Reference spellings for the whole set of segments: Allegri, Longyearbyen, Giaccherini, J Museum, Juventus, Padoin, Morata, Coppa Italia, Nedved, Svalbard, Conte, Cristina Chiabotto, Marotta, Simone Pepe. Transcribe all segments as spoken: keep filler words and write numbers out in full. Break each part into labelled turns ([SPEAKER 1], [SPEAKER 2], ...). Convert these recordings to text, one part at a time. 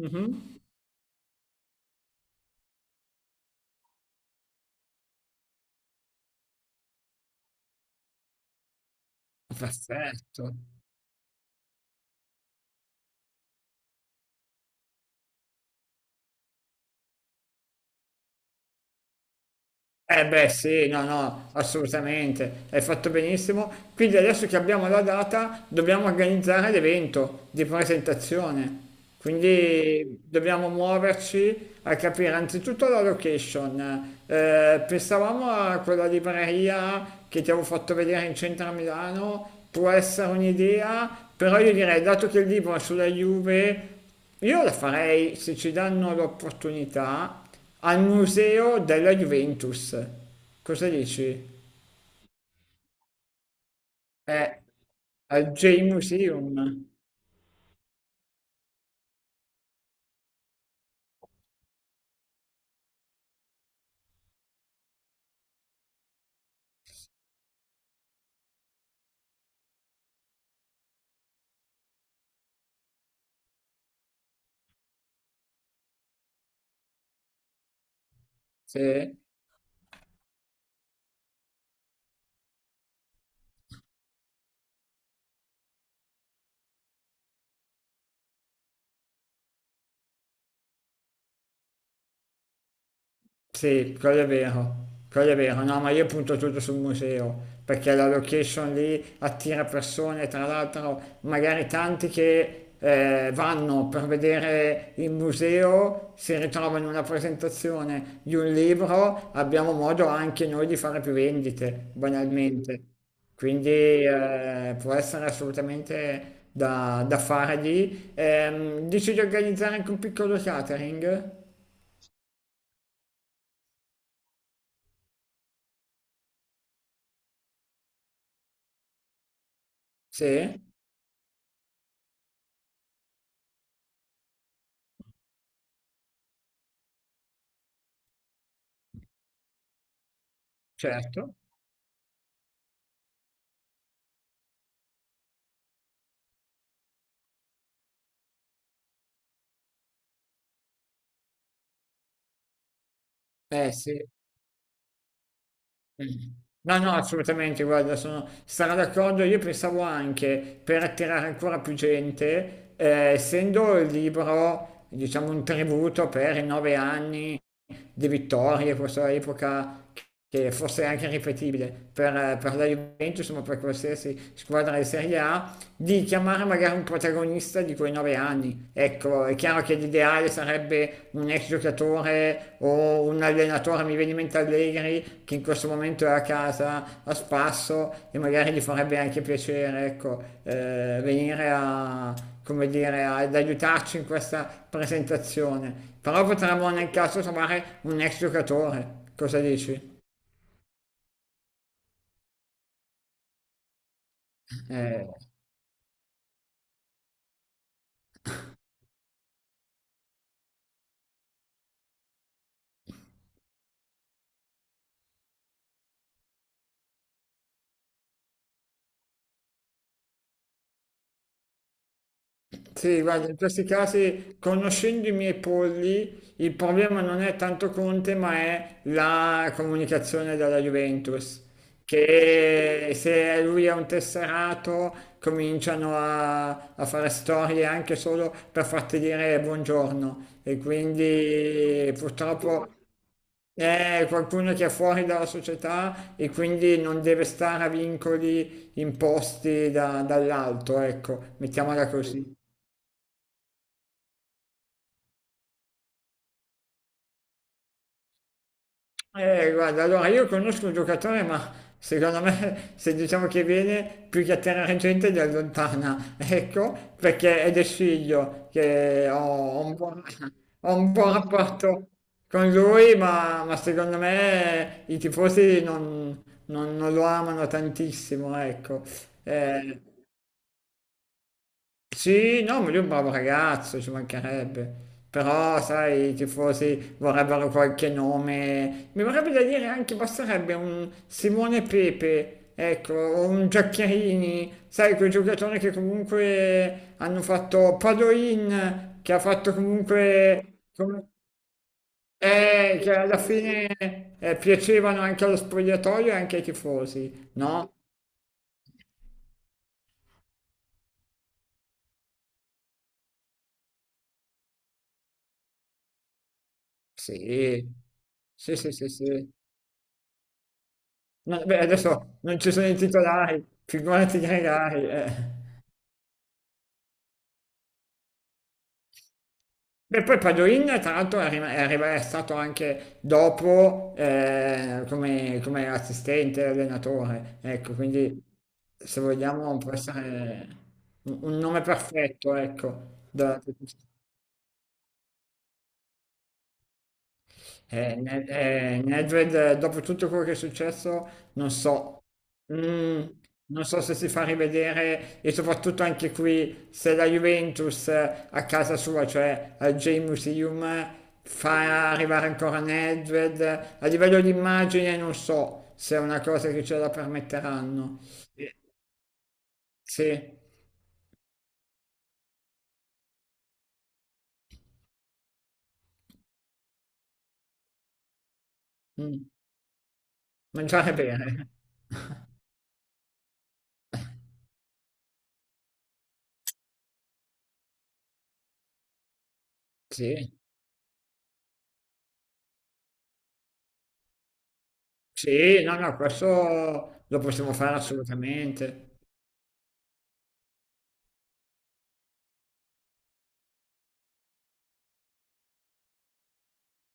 [SPEAKER 1] Mh-mh. Perfetto. Eh beh sì, no, no, assolutamente, hai fatto benissimo. Quindi adesso che abbiamo la data dobbiamo organizzare l'evento di presentazione. Quindi dobbiamo muoverci a capire anzitutto la location. Eh, pensavamo a quella libreria che ti avevo fatto vedere in centro a Milano, può essere un'idea, però io direi, dato che il libro è sulla Juve, io la farei se ci danno l'opportunità al museo della Juventus. Cosa dici? Eh, al J Museum. Sì. Sì, quello è vero, quello è vero, no, ma io punto tutto sul museo, perché la location lì attira persone, tra l'altro magari tanti che eh, vanno per vedere il museo, si ritrovano in una presentazione di un libro, abbiamo modo anche noi di fare più vendite, banalmente. Quindi eh, può essere assolutamente da, da fare lì. Ehm, dici di organizzare anche un piccolo catering? Sì, certo. Eh sì, Mm. No, no, assolutamente, guarda, sono, sarò d'accordo. Io pensavo anche per attirare ancora più gente, eh, essendo il libro, diciamo, un tributo per i nove anni di vittorie, questa epoca che forse è anche ripetibile per, per la Juventus, ma per qualsiasi squadra di Serie A, di chiamare magari un protagonista di quei nove anni. Ecco, è chiaro che l'ideale sarebbe un ex giocatore o un allenatore, mi viene in mente Allegri, che in questo momento è a casa a spasso e magari gli farebbe anche piacere, ecco, eh, venire a, come dire, a- ad aiutarci in questa presentazione. Però potremmo nel caso trovare un ex giocatore, cosa dici? Eh, Sì, guarda, in questi casi, conoscendo i miei polli, il problema non è tanto Conte, ma è la comunicazione dalla Juventus, che se lui è un tesserato cominciano a, a fare storie anche solo per farti dire buongiorno e quindi purtroppo è qualcuno che è fuori dalla società e quindi non deve stare a vincoli imposti da- dall'alto, ecco, mettiamola così. Eh, guarda, allora io conosco un giocatore, ma secondo me se diciamo che viene più che atterrare gente li allontana, ecco, perché è del figlio che ho, ho un buon, ho un buon rapporto con lui, ma, ma secondo me i tifosi non, non- non lo amano tantissimo, ecco. Eh, sì, no, ma lui è un bravo ragazzo, ci mancherebbe. Però, sai, i tifosi vorrebbero qualche nome. Mi vorrebbe da dire anche, basterebbe un Simone Pepe, ecco, o un Giaccherini, sai, quei giocatori che comunque hanno fatto Padoin, che ha fatto comunque, com- eh, che alla fine eh, piacevano anche allo spogliatoio e anche ai tifosi, no? Sì, sì, sì, sì, sì. No, beh, adesso non ci sono i titolari, figurati i regali, eh. E poi Padoin, tra l'altro, è, rim- è arriva- è stato anche dopo eh, come, come assistente allenatore. Ecco, quindi se vogliamo può essere un, un nome perfetto, ecco. da- Eh, Ne- eh, Nedved, eh, dopo tutto quello che è successo, non so, Mm, non so se si fa rivedere e soprattutto anche qui se la Juventus eh, a casa sua, cioè al J-Museum, eh, fa arrivare ancora Nedved. eh, A livello di immagine non so se è una cosa che ce la permetteranno. Eh, Sì, Mm, mangiare bene. Sì, sì, no, no, questo lo possiamo fare assolutamente.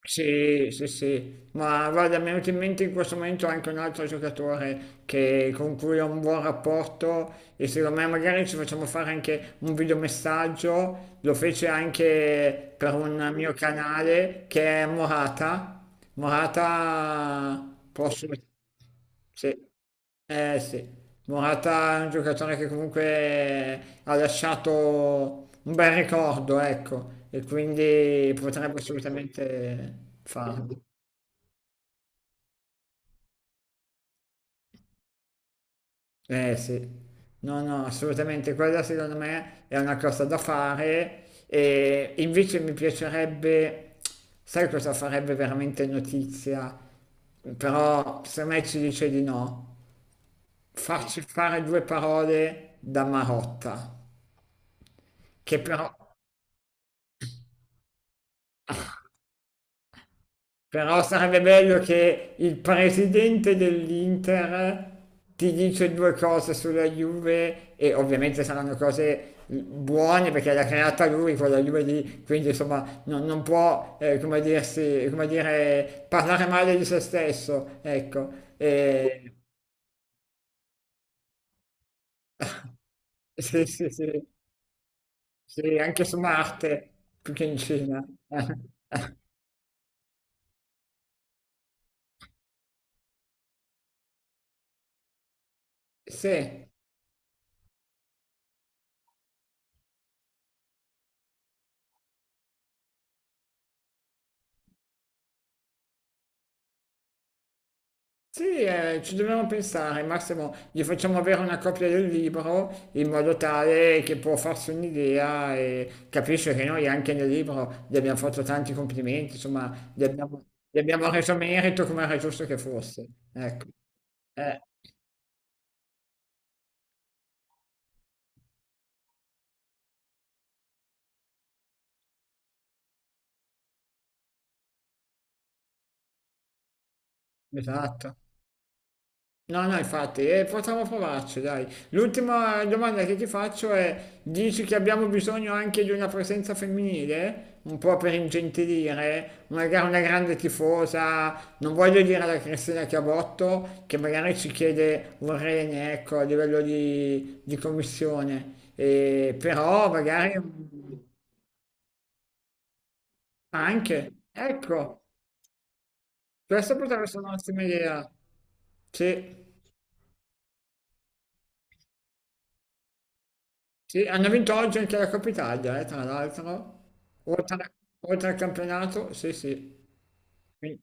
[SPEAKER 1] Sì, sì, sì, ma guarda, mi è venuto in mente in questo momento anche un altro giocatore che- con cui ho un buon rapporto e secondo me magari ci facciamo fare anche un videomessaggio, lo fece anche per un mio canale che è Morata, Morata prossimo. Sì. Eh sì, Morata è un giocatore che comunque ha lasciato un bel ricordo, ecco, e quindi potrebbe assolutamente farlo. Eh sì, no, no, assolutamente, quella secondo me è una cosa da fare e invece mi piacerebbe, sai cosa farebbe veramente notizia? Però se me ci dice di no, Mm. farci fare due parole da Marotta. Che però, però sarebbe bello che il presidente dell'Inter ti dice due cose sulla Juve e ovviamente saranno cose buone perché l'ha creata lui quella Juve lì, quindi insomma non, non può, eh, come dirsi, come dire, parlare male di se stesso, ecco. E, sì, sì, sì, sì, anche su Marte, più che in Cina. Sì. Sì, eh, ci dobbiamo pensare, Massimo, gli facciamo avere una copia del libro in modo tale che può farsi un'idea e capisce che noi anche nel libro gli abbiamo fatto tanti complimenti, insomma, gli abbiamo, gli abbiamo reso merito come era giusto che fosse. Ecco, eh, esatto. No, no, infatti, eh, possiamo provarci, dai. L'ultima domanda che ti faccio è, dici che abbiamo bisogno anche di una presenza femminile? Un po' per ingentilire, magari una grande tifosa, non voglio dire la Cristina Chiabotto, che magari ci chiede un rene, ecco, a livello di, di commissione, Eh, però magari anche, ecco, questa potrebbe essere un'ottima idea. Sì. Sì, hanno vinto oggi anche la Coppa Italia, eh, tra l'altro, oltre, oltre, al campionato, sì, sì, Quindi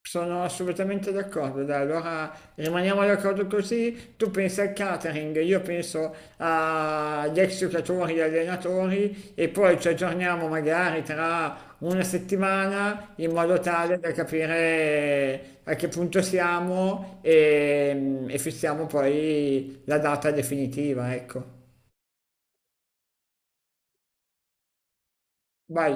[SPEAKER 1] sono assolutamente d'accordo. Dai, allora rimaniamo d'accordo così, tu pensi al catering, io penso agli ex giocatori e allenatori e poi ci aggiorniamo magari tra una settimana in modo tale da capire a che punto siamo e, e fissiamo poi la data definitiva, ecco. Vai.